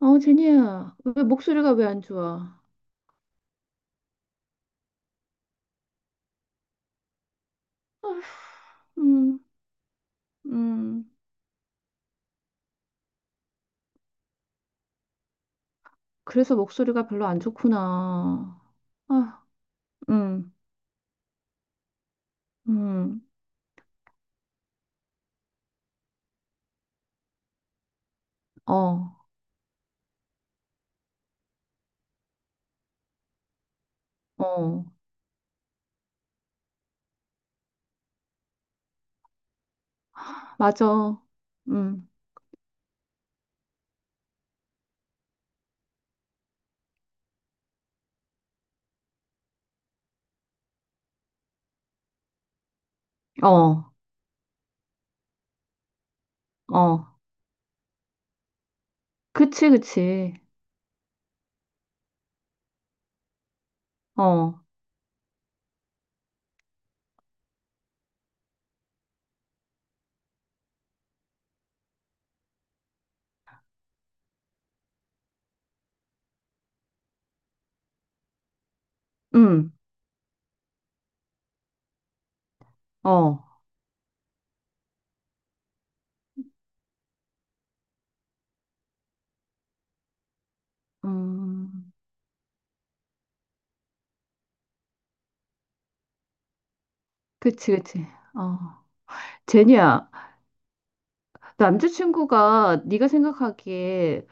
어, 제니야, 왜 목소리가 왜 안 좋아? 음, 음, 그래서 목소리가 별로 안 좋구나. 아, 음, 음, 어, 어, 맞아. 음, 어, 어, 그치, 그치. 어, 음, 어, 음. 그치, 그치. 어, 제니야, 남자친구가 네가 생각하기에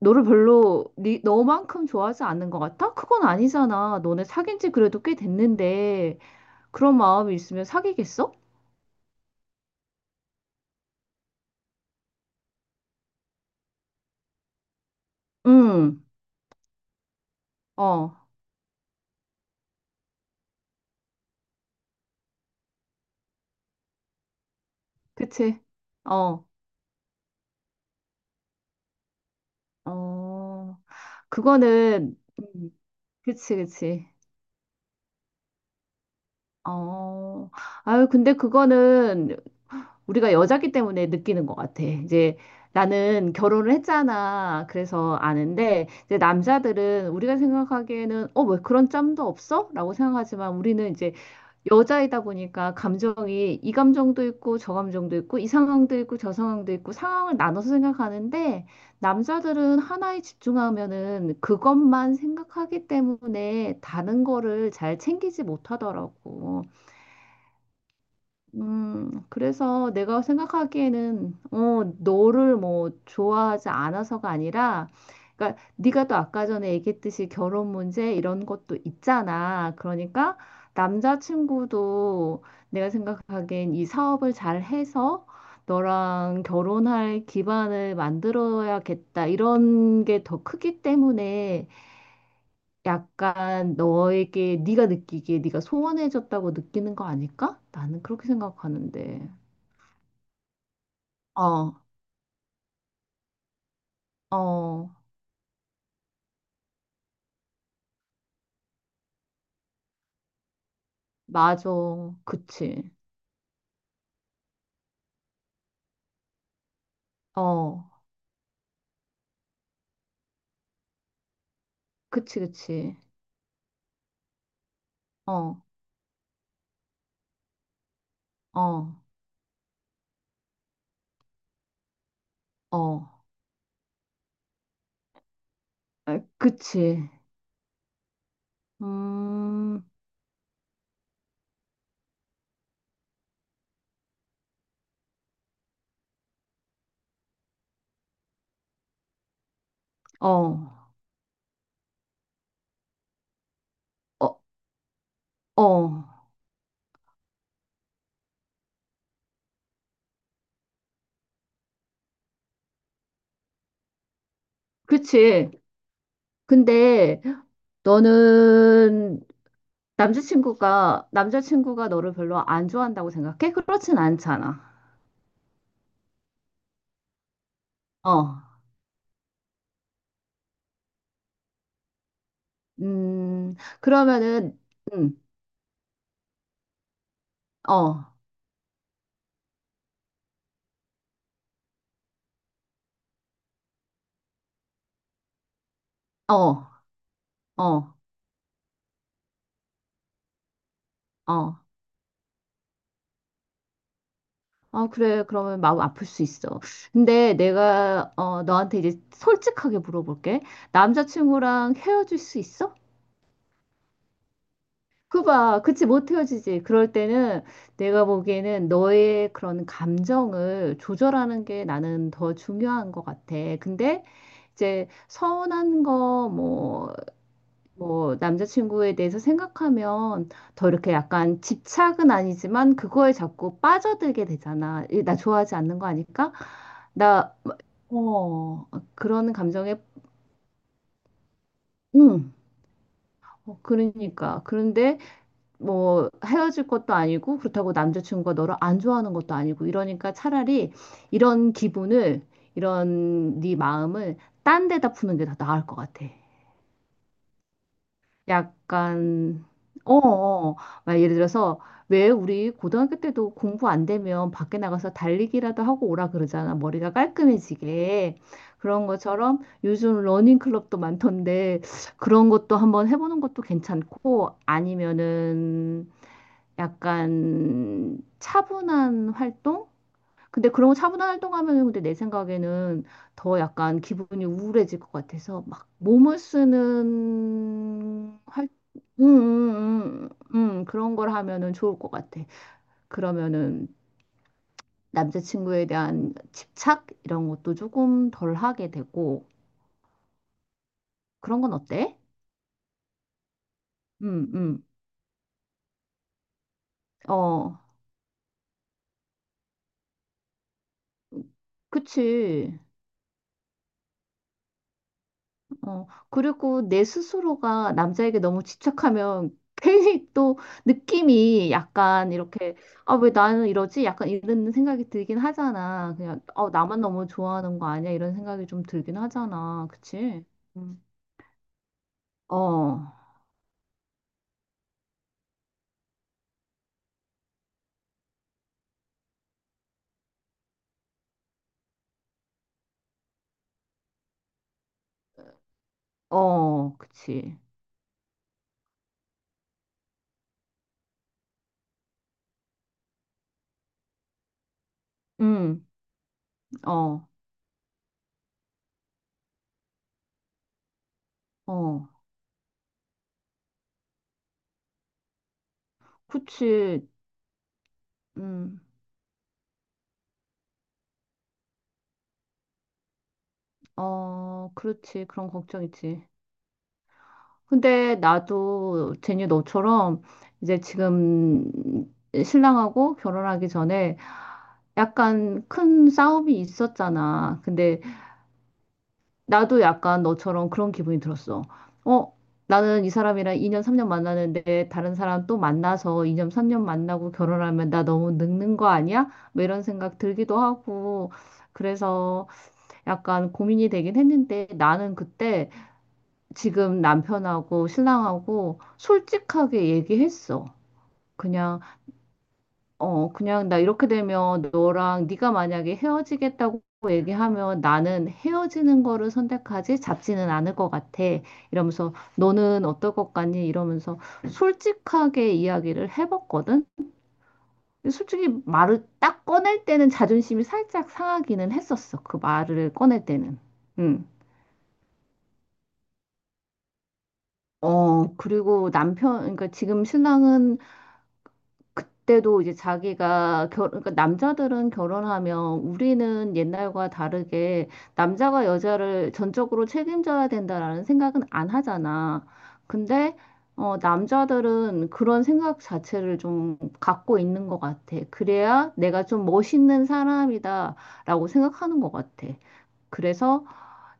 너를 별로 너만큼 좋아하지 않는 것 같아? 그건 아니잖아. 너네 사귄 지 그래도 꽤 됐는데. 그런 마음이 있으면 사귀겠어? 응, 어, 그치. 어, 어, 그거는, 그치, 그치. 어, 아유, 근데 그거는 우리가 여자기 때문에 느끼는 것 같아. 이제 나는 결혼을 했잖아. 그래서 아는데, 이제 남자들은 우리가 생각하기에는, 어, 왜 그런 짬도 없어? 라고 생각하지만 우리는 이제 여자이다 보니까 감정이 이 감정도 있고 저 감정도 있고 이 상황도 있고 저 상황도 있고 상황을 나눠서 생각하는데 남자들은 하나에 집중하면은 그것만 생각하기 때문에 다른 거를 잘 챙기지 못하더라고. 그래서 내가 생각하기에는 어, 너를 뭐 좋아하지 않아서가 아니라 그러니까 네가 또 아까 전에 얘기했듯이 결혼 문제 이런 것도 있잖아. 그러니까 남자친구도 내가 생각하기엔 이 사업을 잘 해서 너랑 결혼할 기반을 만들어야겠다. 이런 게 더 크기 때문에 약간 너에게 네가 느끼기에 네가 소원해졌다고 느끼는 거 아닐까? 나는 그렇게 생각하는데. 어, 어, 맞아. 그치. 어, 그치, 그치. 어, 어, 어, 에, 그치. 음, 어, 어, 어, 그치. 근데 너는 남자친구가 너를 별로 안 좋아한다고 생각해? 그렇진 않잖아. 어, 음, 그러면은, 음, 어, 어, 어, 어. 아, 그래. 그러면 마음 아플 수 있어. 근데 내가, 어, 너한테 이제 솔직하게 물어볼게. 남자친구랑 헤어질 수 있어? 그 봐. 그치, 못 헤어지지. 그럴 때는 내가 보기에는 너의 그런 감정을 조절하는 게 나는 더 중요한 것 같아. 근데 이제 서운한 거, 뭐, 뭐 남자친구에 대해서 생각하면 더 이렇게 약간 집착은 아니지만 그거에 자꾸 빠져들게 되잖아. 이, 나 좋아하지 않는 거 아니까 나 어, 그런 감정에 음. 어, 그러니까 그런데 뭐 헤어질 것도 아니고 그렇다고 남자친구가 너를 안 좋아하는 것도 아니고 이러니까 차라리 이런 기분을 이런 네 마음을 딴 데다 푸는 게 더 나을 것 같아. 약간 어, 어. 어. 막 예를 들어서 왜 우리 고등학교 때도 공부 안 되면 밖에 나가서 달리기라도 하고 오라 그러잖아. 머리가 깔끔해지게. 그런 것처럼 요즘 러닝 클럽도 많던데 그런 것도 한번 해보는 것도 괜찮고 아니면은 약간 차분한 활동? 근데 그런 거 차분한 활동하면은 근데 내 생각에는 더 약간 기분이 우울해질 것 같아서 막 몸을 쓰는 음, 음, 음, 그런 걸 하면은 좋을 것 같아. 그러면은 남자친구에 대한 집착 이런 것도 조금 덜 하게 되고 그런 건 어때? 음, 음, 어, 그치. 어, 그리고 내 스스로가 남자에게 너무 집착하면 괜히 또 느낌이 약간 이렇게, 아, 왜 나는 이러지? 약간 이런 생각이 들긴 하잖아. 그냥, 어, 나만 너무 좋아하는 거 아니야? 이런 생각이 좀 들긴 하잖아. 그치? 음. 어, 어, 그치. 음, 어, 어, 그치. 음, 어, 그렇지. 그런 걱정 있지. 근데 나도 제니 너처럼 이제 지금 신랑하고 결혼하기 전에 약간 큰 싸움이 있었잖아. 근데 나도 약간 너처럼 그런 기분이 들었어. 어, 나는 이 사람이랑 2년, 3년 만나는데 다른 사람 또 만나서 2년, 3년 만나고 결혼하면 나 너무 늙는 거 아니야? 뭐 이런 생각 들기도 하고. 그래서 약간 고민이 되긴 했는데 나는 그때 지금 남편하고 신랑하고 솔직하게 얘기했어. 그냥 어 그냥 나 이렇게 되면 너랑 네가 만약에 헤어지겠다고 얘기하면 나는 헤어지는 거를 선택하지 잡지는 않을 것 같아. 이러면서 너는 어떨 것 같니? 이러면서 솔직하게 이야기를 해봤거든. 근데 솔직히 말을 딱 꺼낼 때는 자존심이 살짝 상하기는 했었어. 그 말을 꺼낼 때는. 음. 어, 그리고 남편, 그러니까 지금 신랑은 그때도 이제 자기가 그러니까 남자들은 결혼하면 우리는 옛날과 다르게 남자가 여자를 전적으로 책임져야 된다라는 생각은 안 하잖아. 근데 어, 남자들은 그런 생각 자체를 좀 갖고 있는 것 같아. 그래야 내가 좀 멋있는 사람이다라고 생각하는 것 같아. 그래서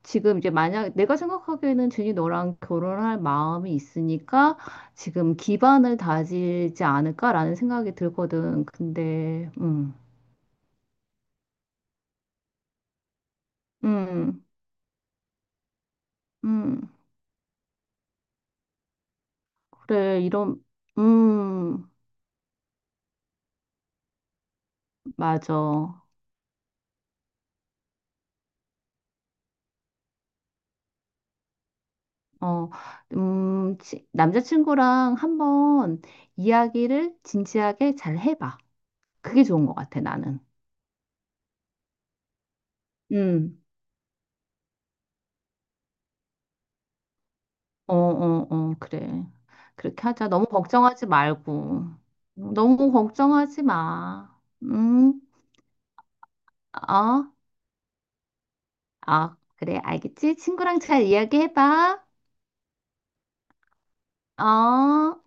지금 이제 만약 내가 생각하기에는 준이 너랑 결혼할 마음이 있으니까 지금 기반을 다지지 않을까라는 생각이 들거든. 근데, 음, 음, 그래, 이런, 음, 맞아. 어, 남자친구랑 한번 이야기를 진지하게 잘 해봐. 그게 좋은 것 같아, 나는. 음. 어, 어, 어, 그래. 그렇게 하자. 너무 걱정하지 말고. 너무 걱정하지 마. 응? 어? 아 그래. 알겠지? 친구랑 잘 이야기해봐. 어?